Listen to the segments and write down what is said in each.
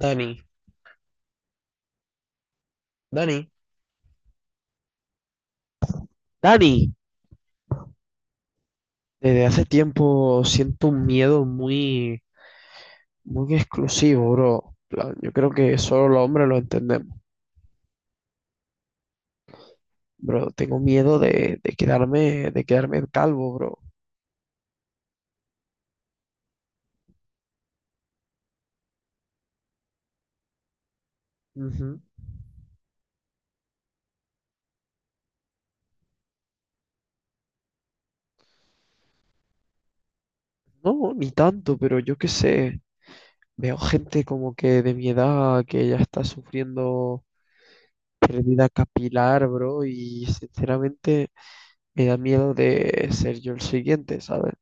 Dani, Dani, Dani, desde hace tiempo siento un miedo muy exclusivo, bro. En plan, yo creo que solo los hombres lo entendemos, bro. Tengo miedo de quedarme calvo, bro. Ujú. No, ni tanto, pero yo qué sé. Veo gente como que de mi edad que ya está sufriendo pérdida capilar, bro, y sinceramente me da miedo de ser yo el siguiente, ¿sabes?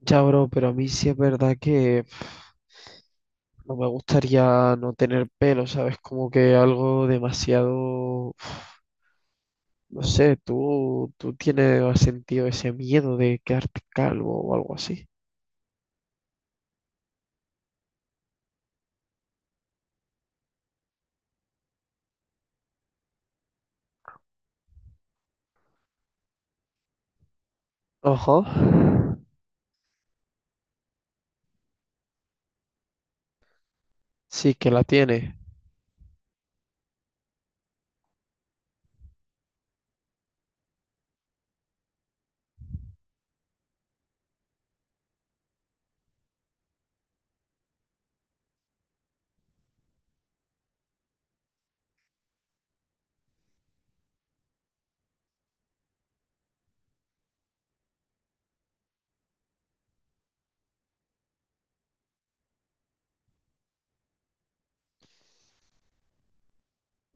Ya, bro, pero a mí sí es verdad que no me gustaría no tener pelo, ¿sabes? Como que algo demasiado... No sé, tú tienes, ¿has sentido ese miedo de quedarte calvo o algo así? Ojo. Sí que la tiene.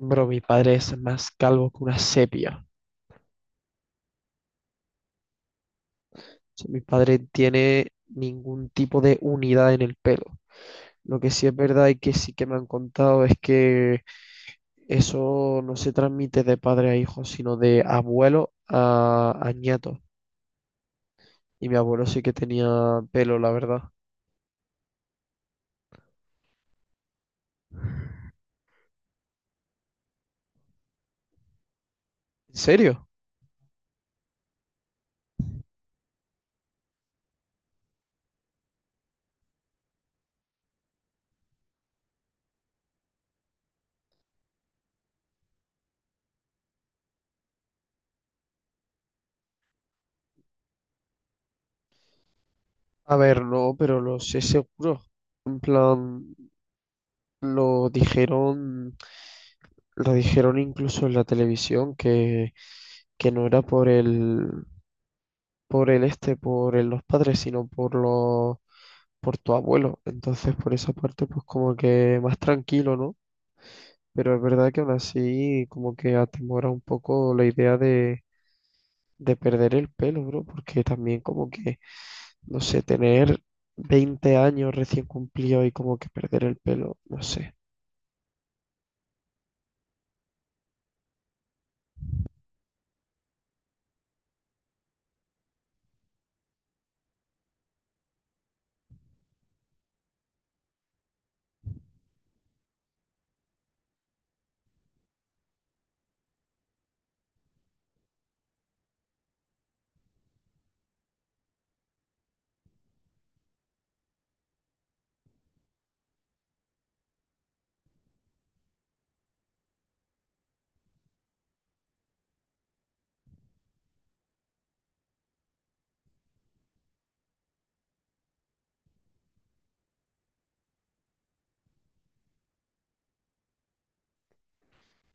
Bro, mi padre es más calvo que una sepia. O sea, mi padre tiene ningún tipo de unidad en el pelo. Lo que sí es verdad y que sí que me han contado es que eso no se transmite de padre a hijo, sino de abuelo a nieto. Y mi abuelo sí que tenía pelo, la verdad. ¿En serio? A ver, no, pero lo sé seguro. En plan, lo dijeron, lo dijeron incluso en la televisión que no era por el este, por el- los padres, sino por tu abuelo. Entonces, por esa parte, pues como que más tranquilo, ¿no? Pero es verdad que aún así, como que atemora un poco la idea de perder el pelo, bro, porque también como que no sé, tener 20 años recién cumplido y como que perder el pelo, no sé.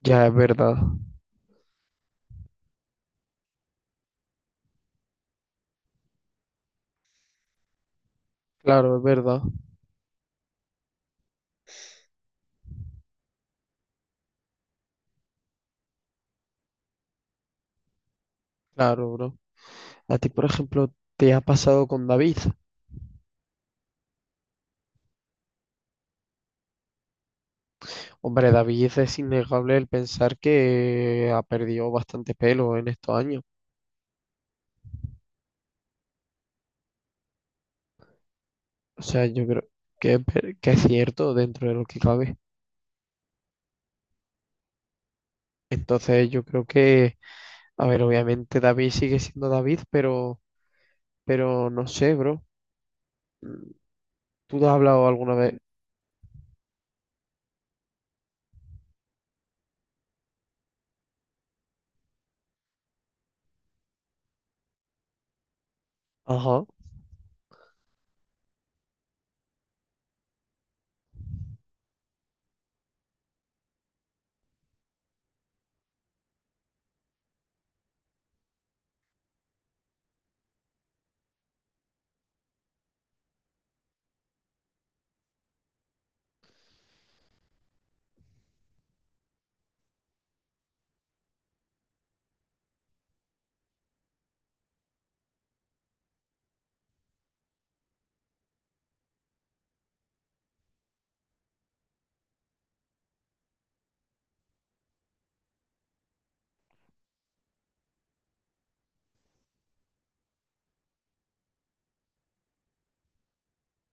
Ya, es verdad. Claro, es verdad. Claro, bro. A ti, por ejemplo, te ha pasado con David. Hombre, David, es innegable el pensar que ha perdido bastante pelo en estos años. O sea, yo creo que es cierto dentro de lo que cabe. Entonces, yo creo a ver, obviamente David sigue siendo David, pero no sé, bro. ¿Tú te has hablado alguna vez? Ajá.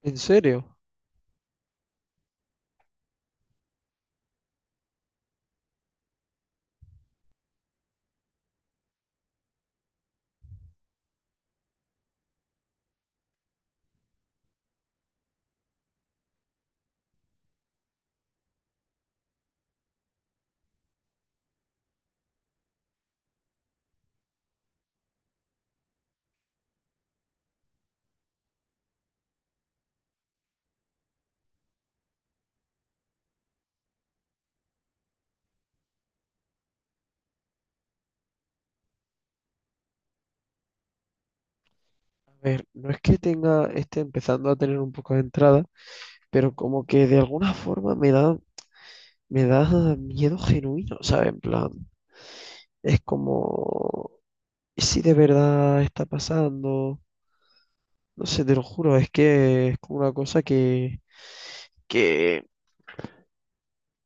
¿En serio? A ver, no es que tenga, esté empezando a tener un poco de entrada, pero como que de alguna forma me da miedo genuino, ¿sabes? En plan, es como, ¿y si de verdad está pasando? No sé, te lo juro, es que es como una cosa que,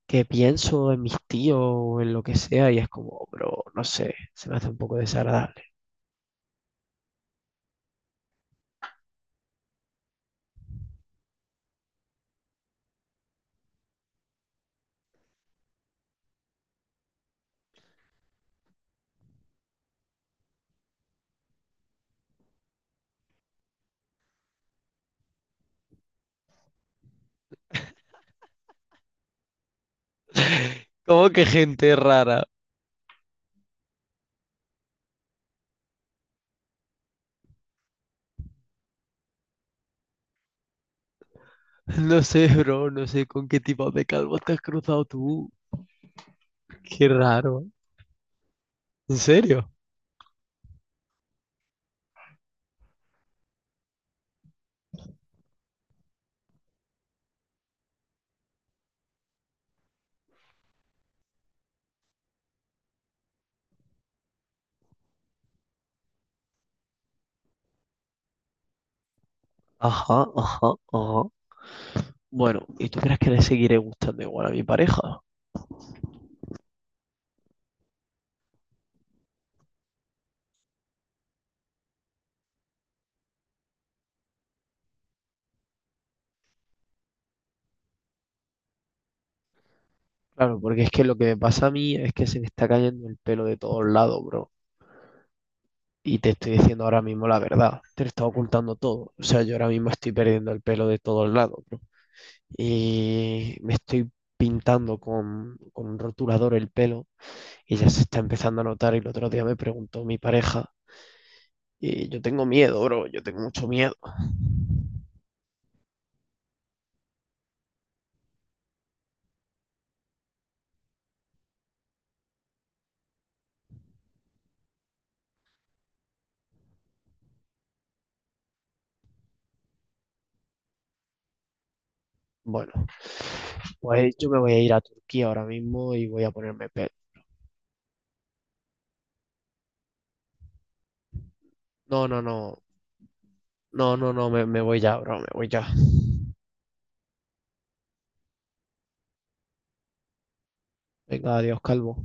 que pienso en mis tíos o en lo que sea y es como, bro, no sé, se me hace un poco desagradable. ¿Cómo que gente rara? No sé, bro, no sé con qué tipo de calvo te has cruzado tú. Qué raro. ¿En serio? Ajá, ajá, ajá. Bueno, ¿y tú crees que le seguiré gustando igual a mi pareja? Claro, porque es que lo que me pasa a mí es que se me está cayendo el pelo de todos lados, bro. Y te estoy diciendo ahora mismo la verdad. Te lo está ocultando todo. O sea, yo ahora mismo estoy perdiendo el pelo de todos lados, bro. Y me estoy pintando con un rotulador el pelo y ya se está empezando a notar. Y el otro día me preguntó mi pareja y yo tengo miedo, bro. Yo tengo mucho miedo. Bueno, pues yo me voy a ir a Turquía ahora mismo y voy a ponerme pet. No, no, no, no, me voy ya, bro, me voy ya. Venga, adiós, calvo.